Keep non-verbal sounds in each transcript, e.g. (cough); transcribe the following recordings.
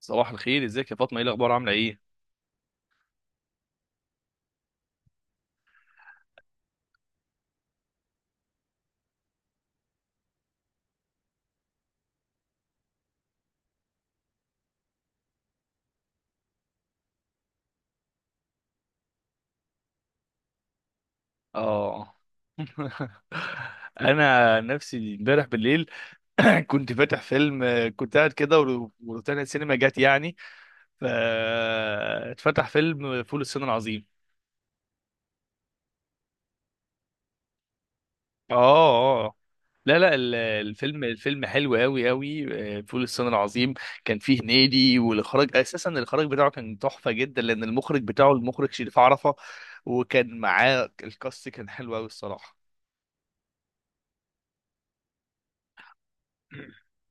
صباح الخير، ازيك يا فاطمه؟ ايه الاخبار، عامله ايه؟ اه. (laughs) انا نفسي امبارح بالليل. (clears throat) كنت فاتح فيلم، كنت قاعد كده وروتانا السينما جت يعني، ف اتفتح فيلم فول الصين العظيم. اه اه. لا لا، الفيلم الفيلم حلو قوي قوي. فول الصين العظيم كان فيه هنيدي، والاخراج اساسا الاخراج بتاعه كان تحفه جدا، لان المخرج بتاعه المخرج شريف عرفة، وكان معاه الكاست كان حلو قوي الصراحه. (clears throat)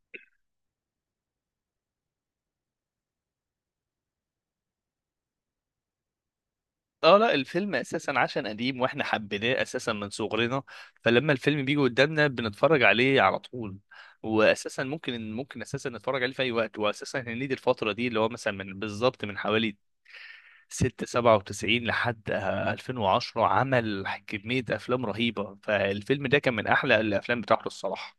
اه، لا الفيلم اساسا عشان قديم واحنا حبيناه اساسا من صغرنا، فلما الفيلم بيجي قدامنا بنتفرج عليه على طول. واساسا ممكن اساسا نتفرج عليه في اي وقت، واساسا هنيدي الفتره دي اللي هو مثلا من بالظبط من حوالي 6 97 لحد 2010 عمل كميه افلام رهيبه، فالفيلم ده كان من احلى الافلام بتاعته الصراحه.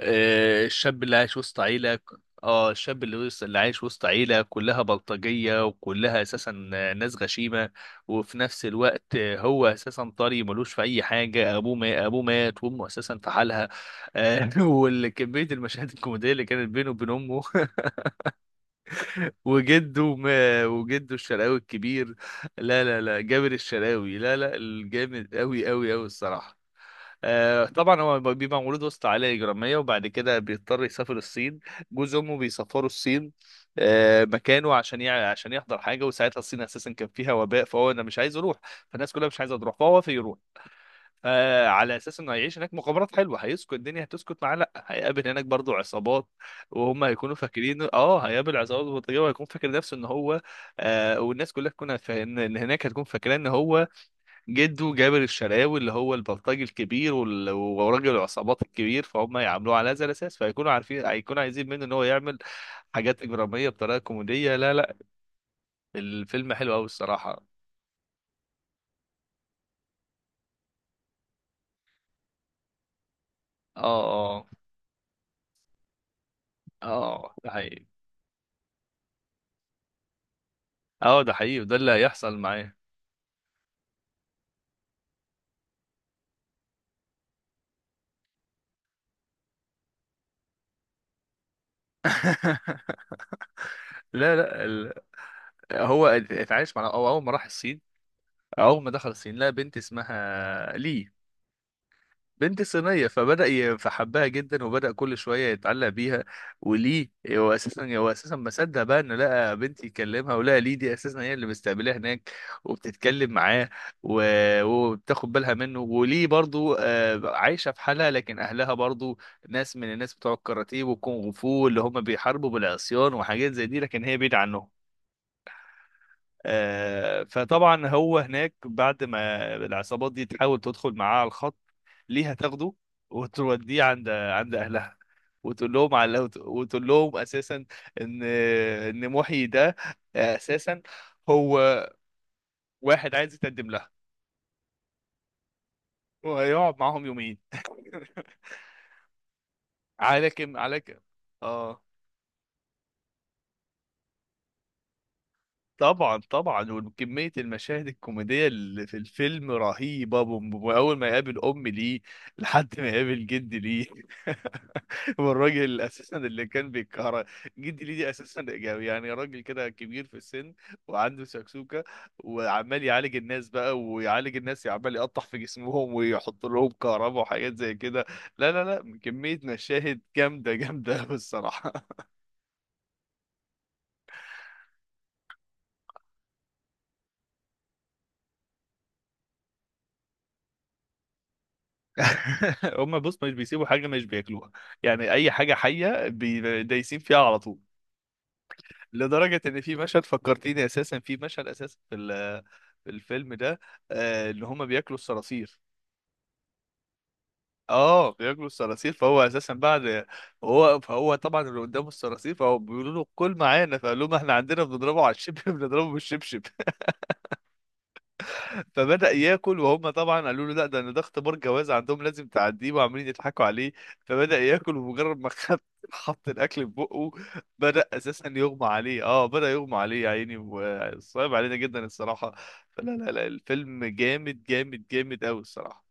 الشاب اللي عايش وسط عيلة. اه، الشاب اللي عايش وسط عيلة كلها بلطجية وكلها اساسا ناس غشيمة، وفي نفس الوقت هو اساسا طري ملوش في اي حاجة، ابوه ما ابوه مات، وامه اساسا في حالها. (laughs) والكمية المشاهد الكوميدية اللي كانت بينه وبين امه. (laughs) وجده الشرقاوي الكبير. لا لا لا، جابر الشرقاوي، لا لا، الجامد قوي قوي قوي الصراحة. طبعا هو بيبقى مولود وسط عائلة إجرامية، وبعد كده بيضطر يسافر الصين. جوز أمه بيسافروا الصين، مكانه عشان عشان يحضر حاجة. وساعتها الصين أساسا كان فيها وباء، فهو أنا مش عايز أروح. فالناس كلها مش عايزة تروح، فهو وافق يروح على أساس إنه هيعيش هناك مغامرات حلوة. هيسكت الدنيا هتسكت معاه؟ لأ، هيقابل هناك برضو عصابات. وهم هيكونوا فاكرين أه هيقابل عصابات بطيئة، وهيكون فاكر نفسه إن هو والناس كلها تكون إن هناك هتكون فاكرة إن هو جده جابر الشرقاوي اللي هو البلطجي الكبير، وراجل العصابات الكبير. فهم يعاملوه على هذا الاساس، فيكونوا عارفين هيكونوا عايزين منه ان هو يعمل حاجات اجراميه بطريقه كوميديه. لا لا، الفيلم حلو قوي الصراحه. اه اه. اه ده حقيقي. اه ده حقيقي، وده اللي هيحصل معاه. لا لا، هو اتعايش مع أو اول ما راح الصين. اول ما دخل الصين لقى بنت اسمها لي، بنت صينية. فحبها جدا، وبدأ كل شوية يتعلق بيها. وليه هو أساسا ما صدق بقى إنه لقى بنت يكلمها، ولقى ليه دي أساسا هي اللي مستقبلاه هناك، وبتتكلم معاه، وبتاخد بالها منه. وليه برضو عايشة في حالها، لكن أهلها برضو ناس من الناس بتوع الكاراتيه والكونغ فو، اللي هم بيحاربوا بالعصيان وحاجات زي دي، لكن هي بعيدة عنهم. فطبعا هو هناك بعد ما العصابات دي تحاول تدخل معاه على الخط، ليه هتاخده وتوديه عند اهلها، وتقول لهم على وتقول لهم اساسا ان محيي ده اساسا هو واحد عايز يتقدم لها، وهيقعد معاهم يومين. (laughs) على كم. اه، طبعا طبعا، وكمية المشاهد الكوميدية اللي في الفيلم رهيبة. وأول ما يقابل أم ليه لحد ما يقابل جد ليه. (laughs) والراجل أساسا اللي كان بيكهرب، جد ليه دي أساسا يعني راجل كده كبير في السن وعنده سكسوكة، وعمال يعالج الناس بقى، ويعالج الناس عمال يقطع في جسمهم ويحط لهم كهرباء وحاجات زي كده. لا لا لا، كمية مشاهد جامدة جامدة أوي الصراحة. (laughs) هم بص مش بيسيبوا حاجه مش بياكلوها. يعني اي حاجه حيه دايسين فيها على طول. لدرجه ان في مشهد فكرتيني اساسا، في مشهد اساسا في في الفيلم ده ان هم بياكلوا الصراصير. اه، بياكلوا الصراصير، فهو اساسا بعد فهو طبعا اللي قدامه الصراصير، فهو بيقولوا له كل معانا، فقال لهم احنا عندنا بنضربه على الشبشب. (laughs) بنضربه بالشبشب. فبدأ ياكل، وهم طبعا قالوا له لا، ده انا ده اختبار جواز عندهم لازم تعديه، وعمالين يضحكوا عليه. فبدأ ياكل، ومجرد ما (laughs) خد حط الاكل في بقه بدأ اساسا يغمى عليه. اه بدأ يغمى عليه يا عيني، وصعب علينا جدا الصراحة. فلا لا لا الفيلم جامد جامد جامد قوي الصراحة.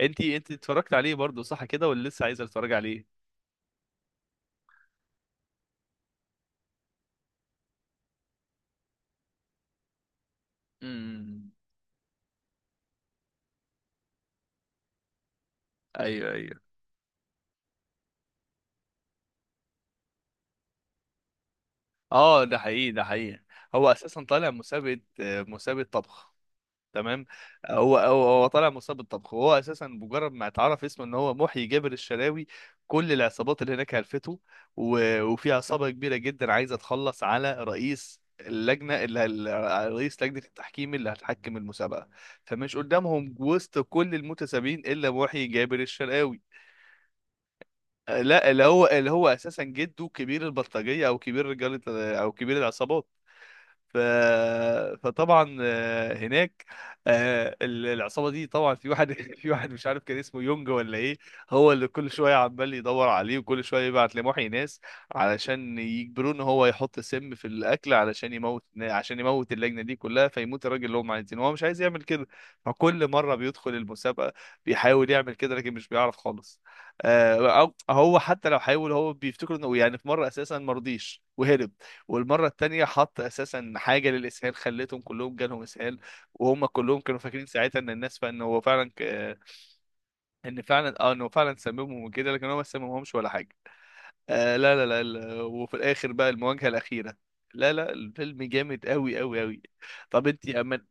انت اتفرجت عليه برضه صح كده، ولا لسه عايزه تتفرج عليه؟ امم ايوه ايوه. اه ده حقيقي ده حقيقي. هو اساسا طالع مسابقة مسابقة طبخ. تمام. هو طالع مصاب بالطبخ، وهو اساسا مجرد ما اتعرف اسمه ان هو محيي جابر الشلاوي، كل العصابات اللي هناك هلفته. وفي عصابه كبيره جدا عايزه تخلص على رئيس اللجنه، رئيس لجنه التحكيم اللي هتحكم المسابقه. فمش قدامهم وسط كل المتسابقين الا محيي جابر الشلاوي. لا، اللي هو اساسا جده كبير البلطجيه او كبير رجال او كبير العصابات. ف... فطبعا هناك العصابه دي طبعا في واحد، (laughs) في واحد مش عارف كان اسمه يونج ولا ايه، هو اللي كل شويه عمال يدور عليه. وكل شويه يبعت لمحي ناس علشان يجبروه ان هو يحط سم في الاكل، علشان يموت، عشان يموت اللجنه دي كلها، فيموت الراجل اللي هم عايزينه. هو مش عايز يعمل كده، فكل مره بيدخل المسابقه بيحاول يعمل كده لكن مش بيعرف خالص. هو حتى لو حاول هو بيفتكر انه يعني. في مره اساسا مرضيش وهرب، والمرة التانية حط أساسا حاجة للإسهال خلتهم كلهم جالهم إسهال. وهم كلهم كانوا فاكرين ساعتها إن الناس فإن هو فعلا إن فعلا آه إن هو فعلا سممهم وكده، لكن هو ما سممهمش ولا حاجة. آه لا لا لا، وفي الآخر بقى المواجهة الأخيرة. لا لا، الفيلم جامد أوي أوي أوي. طب أنت يا أمل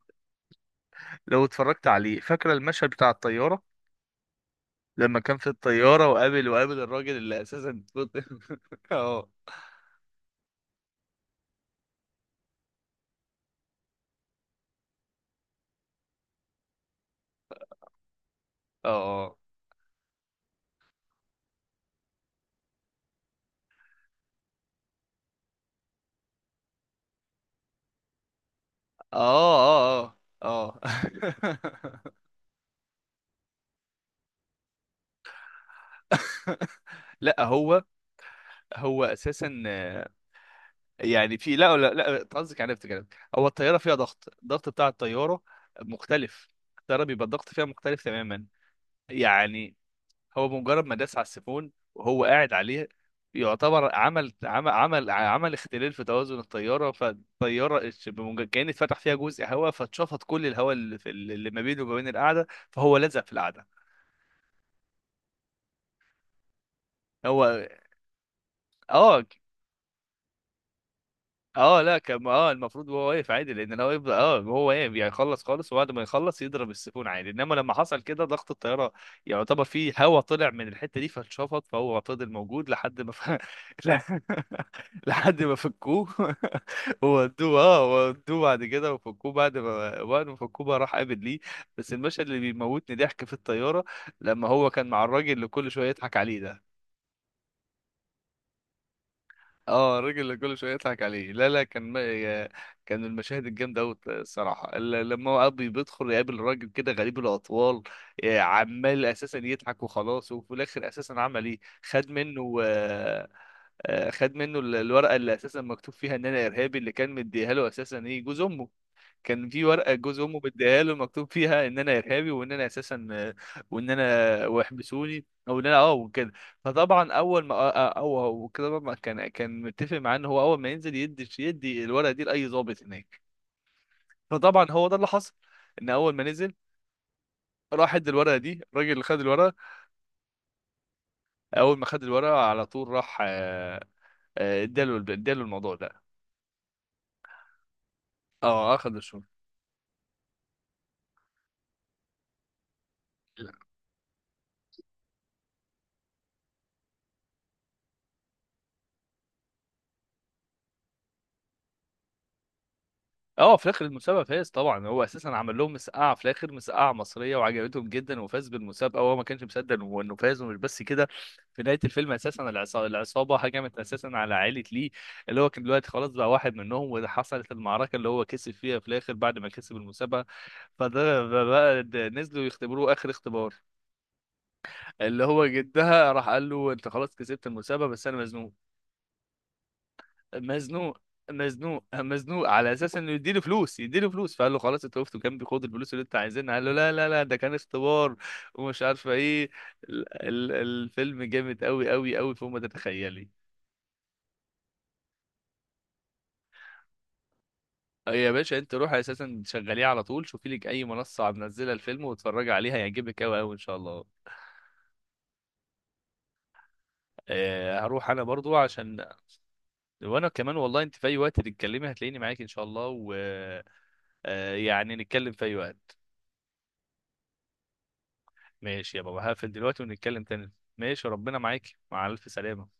لو اتفرجت عليه فاكرة المشهد بتاع الطيارة؟ لما كان في الطيارة وقابل الراجل اللي أساسا (laughs) آه آه آه آه آه آه. (laughs) لا، هو هو اساسا يعني في، لا لا لا، أنت قصدك عرفت كده. هو الطياره فيها ضغط، الضغط بتاع الطياره مختلف، الطياره بيبقى الضغط فيها مختلف تماما. يعني هو بمجرد ما داس على السيفون وهو قاعد عليه، يعتبر عمل اختلال في توازن الطياره. فالطياره كان اتفتح فيها جزء هواء، فاتشفط كل الهواء اللي في، اللي ما بينه وما بين القاعده، فهو لزق في القاعده. هو اه اه، لا كان اه المفروض وهو واقف عادي. لان لو يفضل اه وهو واقف يعني يخلص خالص، وبعد ما يخلص يضرب السيفون عادي. انما لما حصل كده ضغط الطياره يعتبر فيه هوا طلع من الحته دي فاتشفط، فهو فضل موجود لحد ما (laughs) لا- لحد ما فكوه. (laughs) وودوه اه وودوه بعد كده، وفكوه بعد ما وقت ما فكوه بقى راح قابل ليه. بس المشهد اللي بيموتني ضحك في الطياره لما هو كان مع الراجل اللي كل شويه يضحك عليه ده. اه الراجل اللي كل شويه يضحك عليه. لا لا، كان ما... يا- كان المشاهد الجامده قوي الصراحه لما هو ابي بيدخل يقابل راجل كده غريب الاطوال. عمال اساسا يضحك وخلاص. وفي الاخر اساسا عمل ايه، خد منه خد منه الورقه اللي اساسا مكتوب فيها ان انا ارهابي، اللي كان مديها له اساسا ايه جوز امه. كان في ورقه جوز امه مديها له مكتوب فيها ان انا ارهابي، وان انا اساسا وان انا واحبسوني او ان انا اه وكده. فطبعا اول ما او هو كده طبعاً كان متفق معاه ان هو اول ما ينزل يدي الورقه دي لاي ضابط هناك. فطبعا هو ده اللي حصل، ان اول ما نزل راح ادى الورقه دي. الراجل اللي خد الورقه اول ما خد الورقه على طول راح اداله الموضوع ده. اه اخذ الشغل. اه في اخر المسابقه فاز طبعا، هو اساسا عمل لهم مسقعه في الاخر، مسقعه مصريه وعجبتهم جدا وفاز بالمسابقه، وهو ما كانش مصدق إنه فاز. ومش بس كده، في نهايه الفيلم اساسا العصابه هجمت اساسا على عائله ليه، اللي هو كان دلوقتي خلاص بقى واحد منهم. وحصلت المعركه اللي هو كسب فيها في الاخر بعد ما كسب المسابقه. فده ده بقى، ده نزلوا يختبروه اخر اختبار. اللي هو جدها راح قال له انت خلاص كسبت المسابقه بس انا مزنوق. مزنوق مزنوق مزنوق على اساس انه يديله فلوس يديله فلوس. فقال له خلاص انت وقفت جنبي، خد الفلوس اللي انت عايزينها. قال له لا لا لا ده كان اختبار ومش عارفه ايه. الفيلم جامد قوي قوي قوي فوق ما تتخيلي. آه يا باشا انت روح اساسا شغليه على طول، شوفي لك اي منصه منزله الفيلم واتفرجي عليها، هيعجبك قوي قوي ان شاء الله. هروح انا برضو عشان. وانا كمان والله، انت في اي وقت تتكلمي هتلاقيني معاك ان شاء الله، ويعني نتكلم في اي وقت. ماشي يا بابا، هقفل دلوقتي ونتكلم تاني. ماشي ربنا معاك، مع ألف سلامة.